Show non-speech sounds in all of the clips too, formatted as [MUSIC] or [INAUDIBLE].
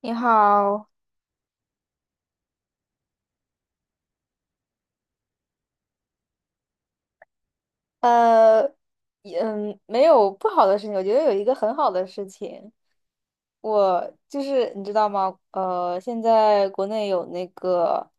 你好，呃，嗯，没有不好的事情，我觉得有一个很好的事情。我就是你知道吗？现在国内有那个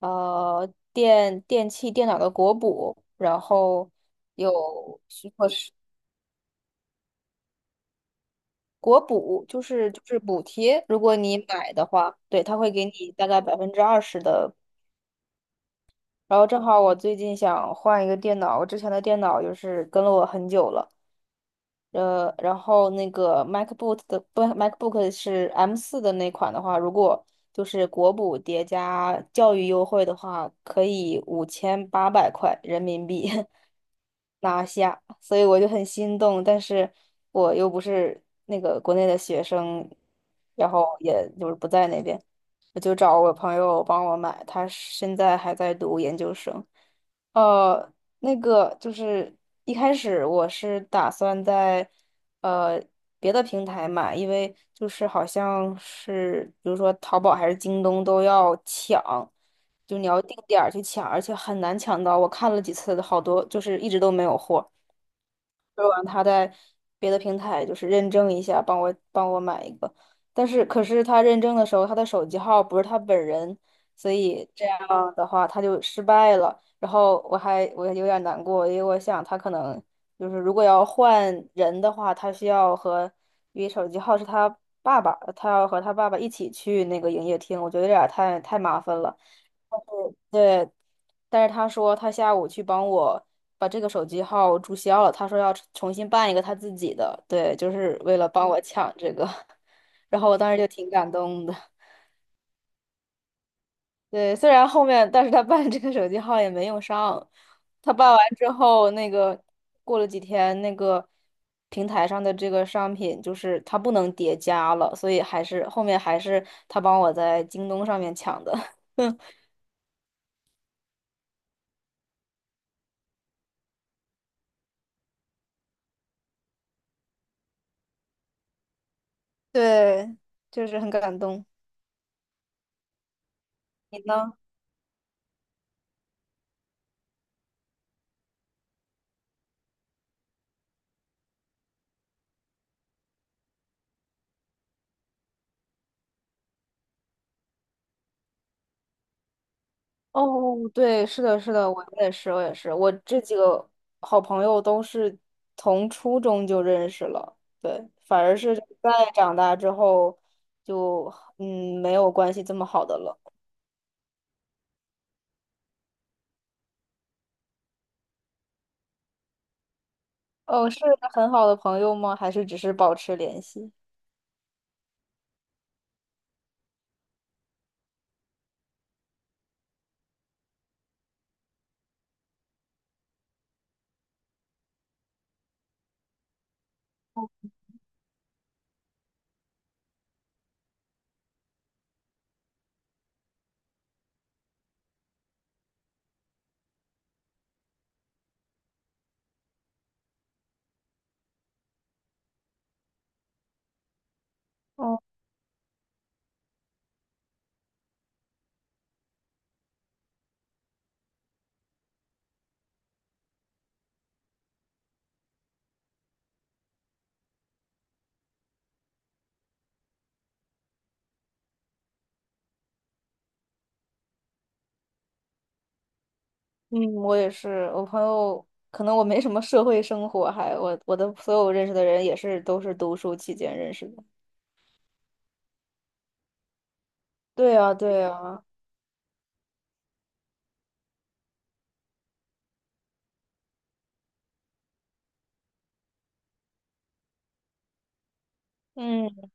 电器电脑的国补，然后有许可是国补，就是补贴。如果你买的话，对，他会给你大概20%的。然后正好我最近想换一个电脑，我之前的电脑就是跟了我很久了。然后那个 MacBook 的，不， MacBook 是 M4的那款的话，如果就是国补叠加教育优惠的话，可以5800块人民币 [LAUGHS] 拿下，所以我就很心动。但是我又不是那个国内的学生，然后也就是不在那边。我就找我朋友帮我买，他现在还在读研究生。呃，那个就是一开始我是打算在呃别的平台买，因为就是好像是比如说淘宝还是京东都要抢，就你要定点儿去抢，而且很难抢到。我看了几次，好多就是一直都没有货。说完他在别的平台就是认证一下，帮我买一个。但是可是他认证的时候，他的手机号不是他本人，所以这样的话他就失败了。然后我有点难过，因为我想他可能就是如果要换人的话，他需要和因为手机号是他爸爸，他要和他爸爸一起去那个营业厅，我觉得有点儿太麻烦了。对，但是他说他下午去帮我把这个手机号注销了，他说要重新办一个他自己的。对，就是为了帮我抢这个，[LAUGHS] 然后我当时就挺感动的。对，虽然后面，但是他办这个手机号也没用上。他办完之后，那个过了几天，那个平台上的这个商品就是它不能叠加了，所以还是后面还是他帮我在京东上面抢的。[LAUGHS] 对，就是很感动。哦，对，是的，是的，我也是，我也是，我这几个好朋友都是从初中就认识了。对，反而是在长大之后就没有关系这么好的了。哦，是很好的朋友吗？还是只是保持联系？哦，嗯，我也是。我朋友可能我没什么社会生活，还我的所有认识的人也是都是读书期间认识的。对呀，对呀，嗯。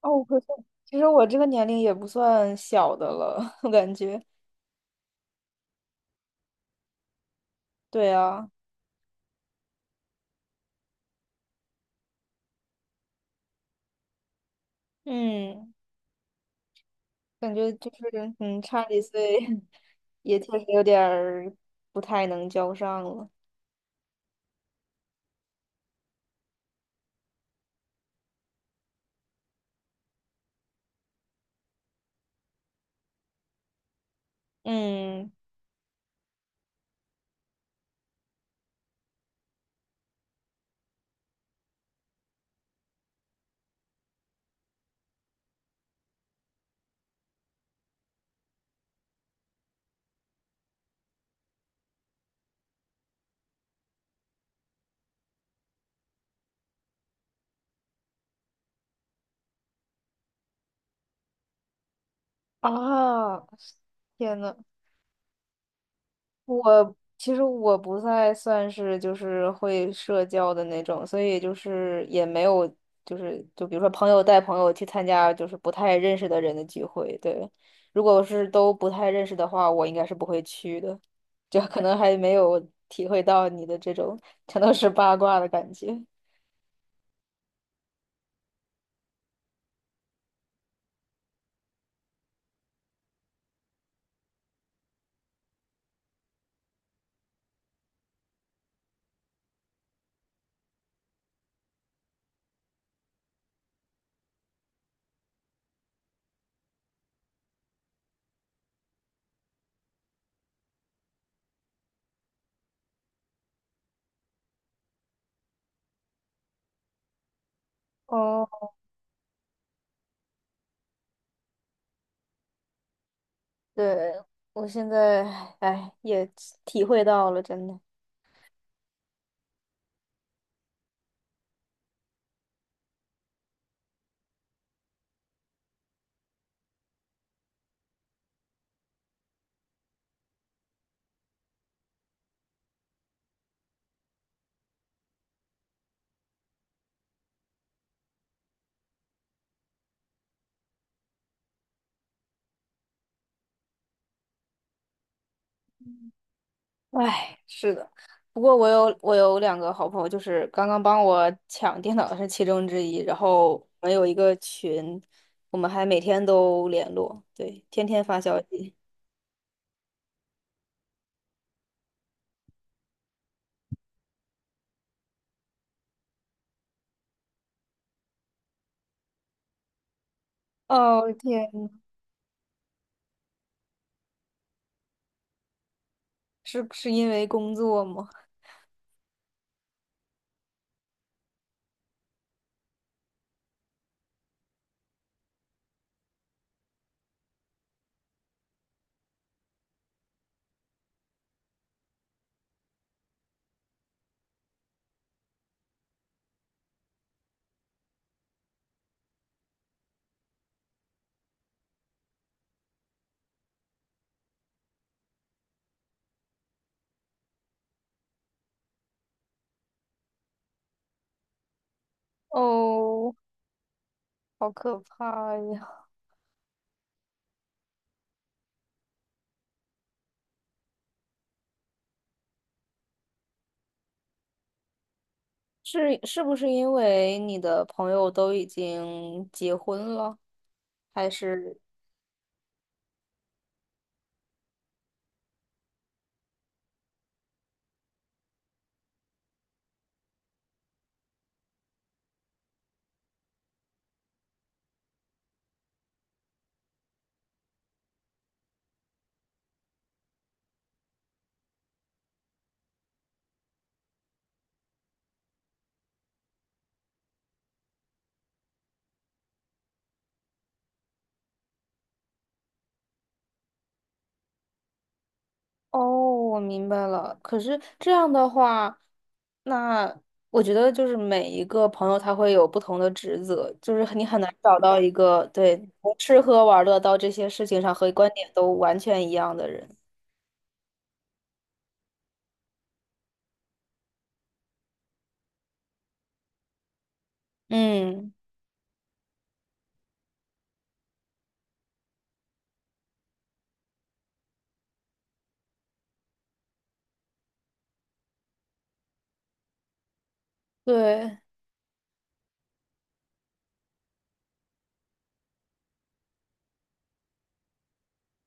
哦，可是其实我这个年龄也不算小的了，[LAUGHS] 我感觉。对啊，嗯，感觉就是差几岁 [LAUGHS] 也确实有点儿不太能交上了。嗯啊，天呐，我其实我不太算是就是会社交的那种，所以就是也没有就比如说朋友带朋友去参加就是不太认识的人的聚会，对。如果是都不太认识的话，我应该是不会去的，就可能还没有体会到你的这种全都是八卦的感觉。哦，对，我现在，哎，也体会到了，真的。唉，是的，不过我有两个好朋友，就是刚刚帮我抢电脑的是其中之一，然后我们有一个群，我们还每天都联络，对，天天发消息。哦天，是因为工作吗？哦，好可怕呀！是不是因为你的朋友都已经结婚了，还是？哦，我明白了。可是这样的话，那我觉得就是每一个朋友他会有不同的职责，就是你很难找到一个对从吃喝玩乐到这些事情上和观点都完全一样的人。嗯，对，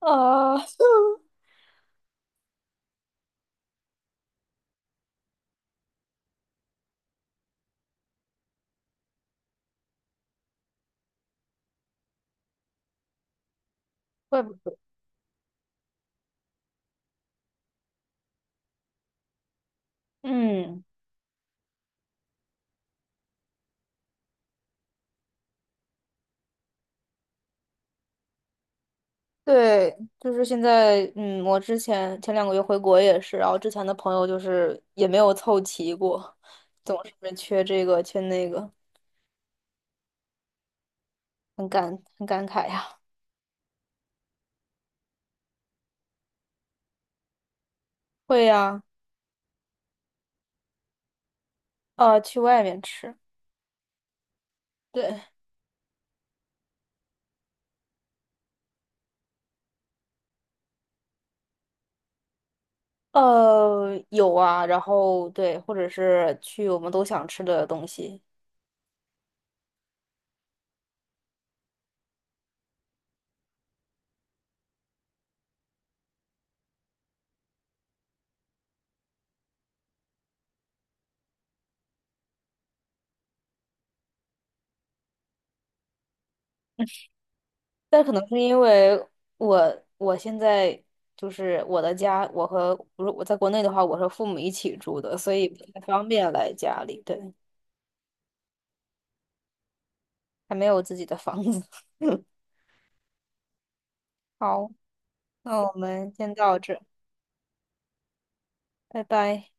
啊、[LAUGHS] 怪不得，嗯，对，就是现在，嗯，我之前前2个月回国也是，然后之前的朋友就是也没有凑齐过，总是缺这个缺那个，很感慨呀。会呀、去外面吃，对，有啊，然后对，或者是去我们都想吃的东西。但可能是因为我现在就是我的家，我和不是我在国内的话，我和父母一起住的，所以不太方便来家里。对，还没有自己的房子。[LAUGHS] 好，那我们先到这，拜拜。